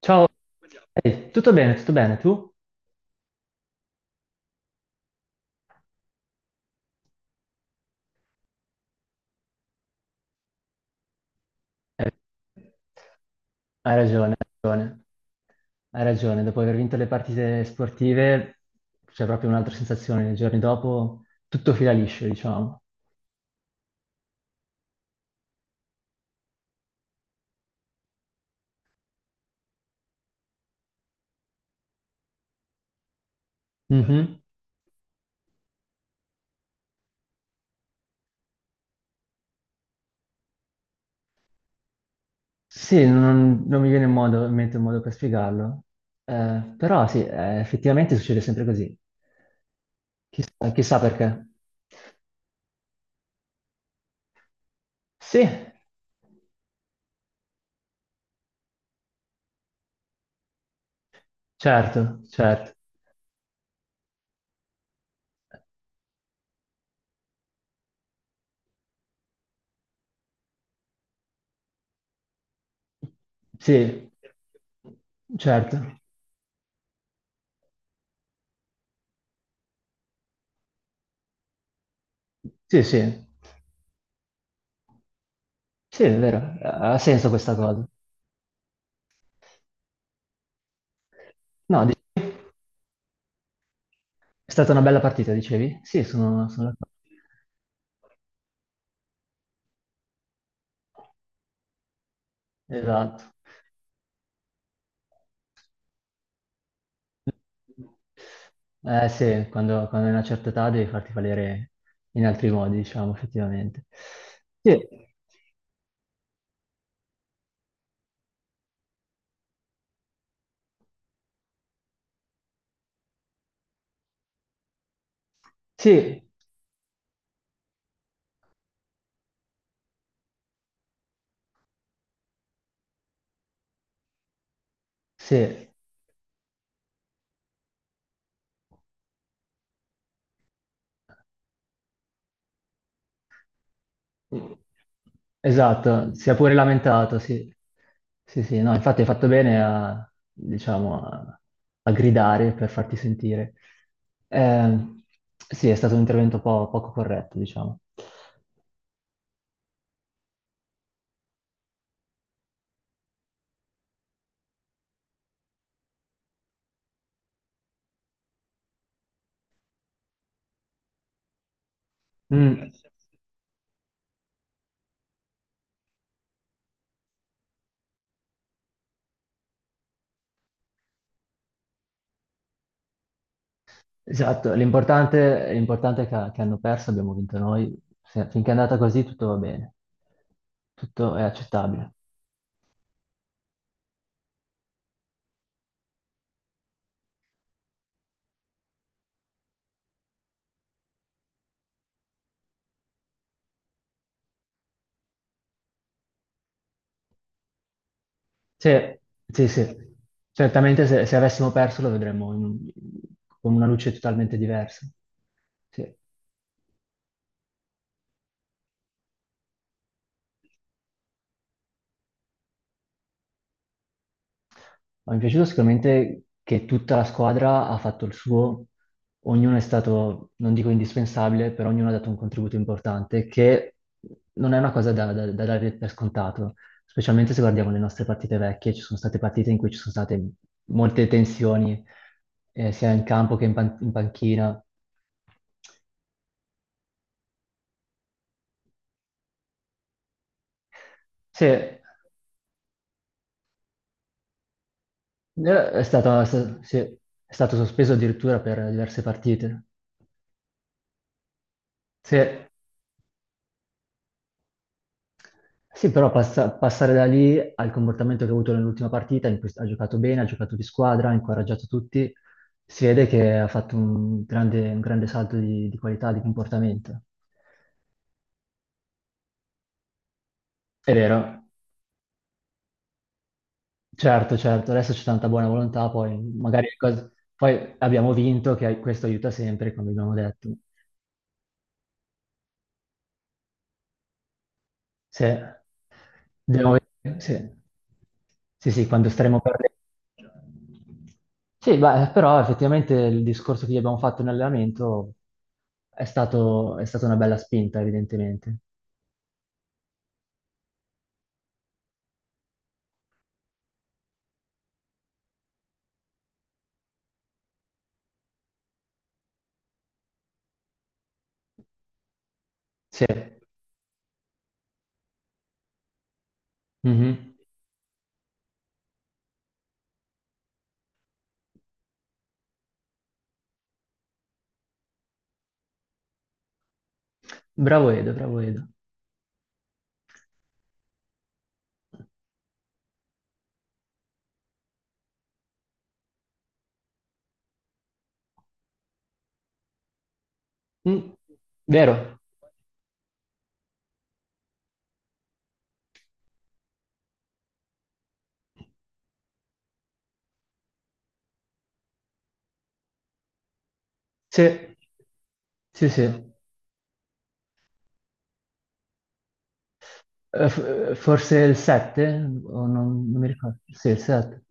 Ciao, Ehi, tutto bene, tu? Eh, hai ragione, hai ragione, hai ragione, dopo aver vinto le partite sportive c'è proprio un'altra sensazione, nei giorni dopo tutto fila liscio, diciamo. Mhm. Sì, non mi viene in in mente un modo per spiegarlo. Però sì, effettivamente succede sempre così, chissà, chissà perché. Sì, certo, certo, sì, certo, sì, sì. Sì, è vero, ha senso questa cosa. No, è stata una bella partita, dicevi? Sì, sono d'accordo. Esatto. Eh sì, quando hai una certa età devi farti valere in altri modi, diciamo, effettivamente. Sì, sì, sì. Esatto, si è pure lamentato, sì. Sì, sì, no, infatti hai fatto bene a, diciamo, a gridare per farti sentire. Eh, sì, è stato un intervento poco corretto, diciamo. Mm, esatto, l'importante è che hanno perso, abbiamo vinto noi. Finché è andata così tutto va bene, tutto è accettabile. Sì, sì, sì. Certamente se avessimo perso lo vedremmo in con una luce totalmente diversa. Sì. Ma mi è piaciuto sicuramente che tutta la squadra ha fatto il suo, ognuno è stato, non dico indispensabile, però ognuno ha dato un contributo importante, che non è una cosa da dare per scontato, specialmente se guardiamo le nostre partite vecchie, ci sono state partite in cui ci sono state molte tensioni, sia in campo che in in panchina. Sì, è stato, è sta- sì, è stato sospeso addirittura per diverse partite. Sì, sì, però passare da lì al comportamento che ha avuto nell'ultima partita, in cui ha giocato bene, ha giocato di squadra, ha incoraggiato tutti, si vede che ha fatto un grande salto di qualità, di comportamento. È vero, certo, certo, adesso c'è tanta buona volontà, poi magari poi abbiamo vinto, che questo aiuta sempre, come abbiamo detto. Sì, devo vedere, sì. Sì, sì, quando staremo per le. Sì, beh, però effettivamente il discorso che gli abbiamo fatto in allenamento è stata una bella spinta, evidentemente. Sì. Mhm. Bravo Edo, bravo Edo. Mm, vero? Sì, sì, sì. F- forse il 7? O non mi ricordo. Sì, il 7.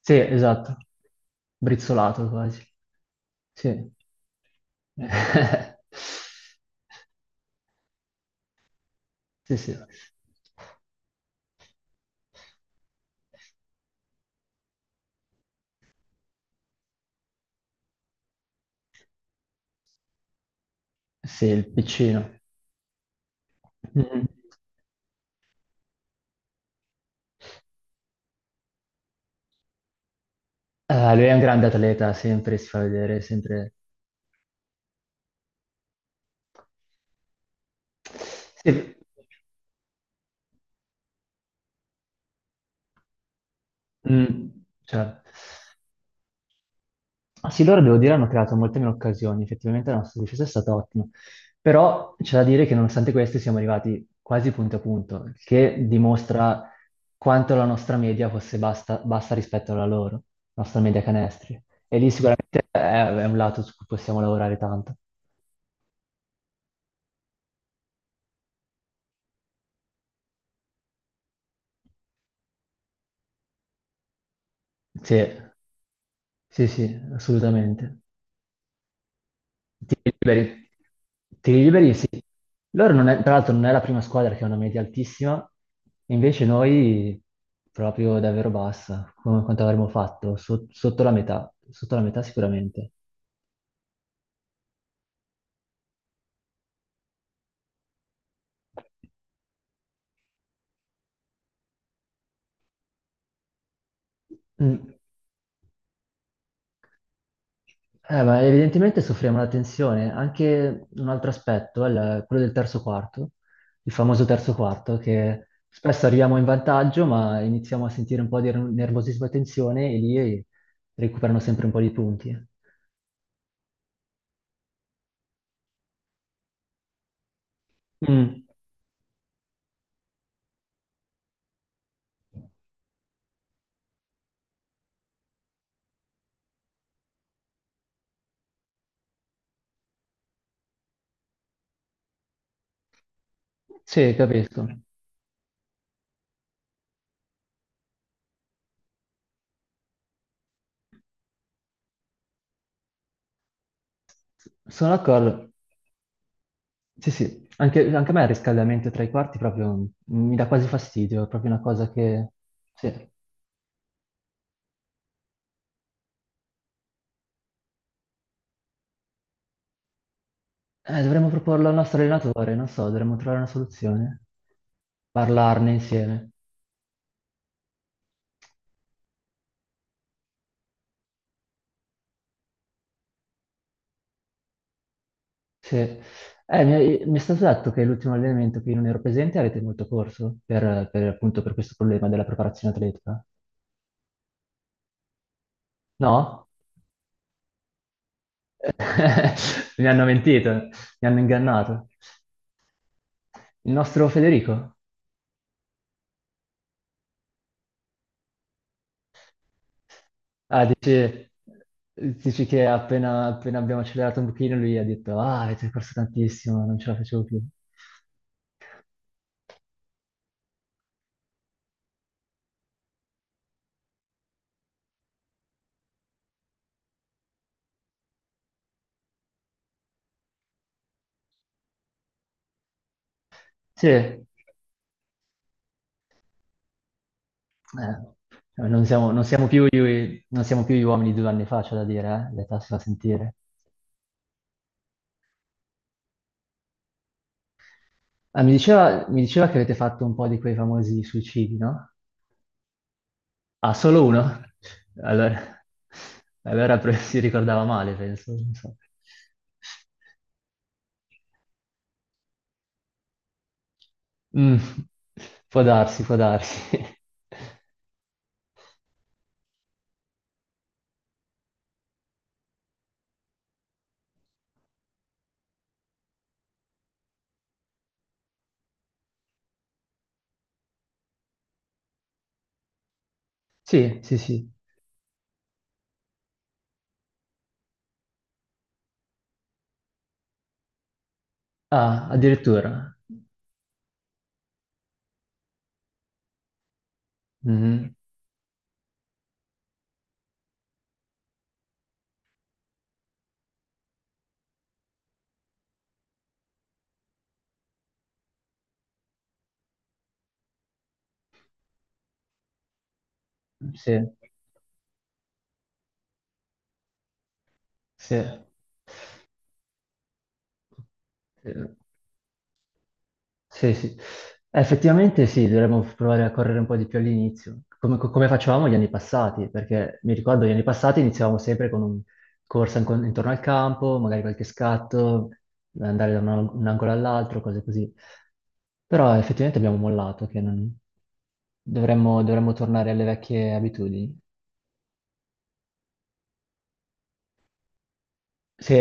Sì, esatto. Brizzolato quasi. Sì. Sì, sì, sì, il piccino. Mm. Ah, lui è un grande atleta, sempre si fa vedere, sempre. Sì, mm, cioè, ah, sì, loro devo dire hanno creato molte meno occasioni, effettivamente la nostra difesa è stata ottima, però c'è da dire che nonostante questo siamo arrivati quasi punto a punto, il che dimostra quanto la nostra media fosse bassa rispetto alla loro, la nostra media canestri. E lì sicuramente è un lato su cui possiamo lavorare tanto. Sì, sì, sì, assolutamente. Tiri liberi, tiri liberi, sì. Loro non è- tra l'altro non è la prima squadra che ha una media altissima, invece noi proprio davvero bassa, come quanto avremmo fatto, sotto la metà sicuramente. Mm. Ma evidentemente soffriamo la tensione. Anche un altro aspetto è quello del terzo quarto, il famoso terzo quarto, che spesso arriviamo in vantaggio, ma iniziamo a sentire un po' di nervosismo e tensione e lì recuperano sempre un po' di punti. Mm, sì, capisco. Sono d'accordo. Sì, sì. Anche a me il riscaldamento tra i quarti proprio mi dà quasi fastidio, è proprio una cosa che. Sì. Dovremmo proporlo al nostro allenatore, non so, dovremmo trovare una soluzione. Parlarne insieme. Sì. Mi è stato detto che l'ultimo allenamento che io non ero presente avete molto corso appunto per questo problema della preparazione atletica. No? Mi hanno mentito, mi hanno ingannato. Il nostro Federico? Ah, dici che appena, appena abbiamo accelerato un pochino lui ha detto, ah, avete corso tantissimo, non ce la facevo più. Sì. Eh, cioè, non siamo, non siamo più, gli- non siamo più gli uomini di 2 anni fa, c'è da dire, eh? L'età si fa sentire. Ah, mi diceva che avete fatto un po' di quei famosi suicidi, no? Ah, solo uno? Allora, allora, si ricordava male, penso. Non so. Mm, può darsi, può darsi. Sì, sì, sì. Ah, addirittura. Mhm, sì, sì. Eh, sì, sì. Effettivamente sì, dovremmo provare a correre un po' di più all'inizio, come facevamo gli anni passati, perché mi ricordo gli anni passati iniziavamo sempre con un corsa intorno al campo, magari qualche scatto, andare da un angolo all'altro, cose così. Però effettivamente abbiamo mollato, che non- dovremmo tornare alle vecchie abitudini. Sì,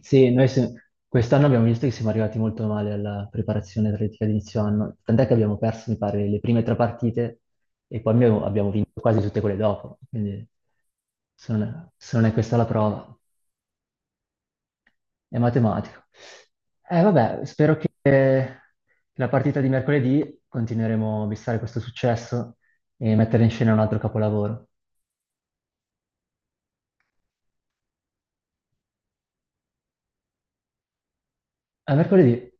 sì, noi quest'anno abbiamo visto che siamo arrivati molto male alla preparazione atletica di inizio anno, tant'è che abbiamo perso, mi pare, le prime tre partite e poi abbiamo vinto quasi tutte quelle dopo, quindi se non è questa la prova, è matematico. Vabbè, spero che la partita di mercoledì continueremo a bissare questo successo e mettere in scena un altro capolavoro. A mercoledì!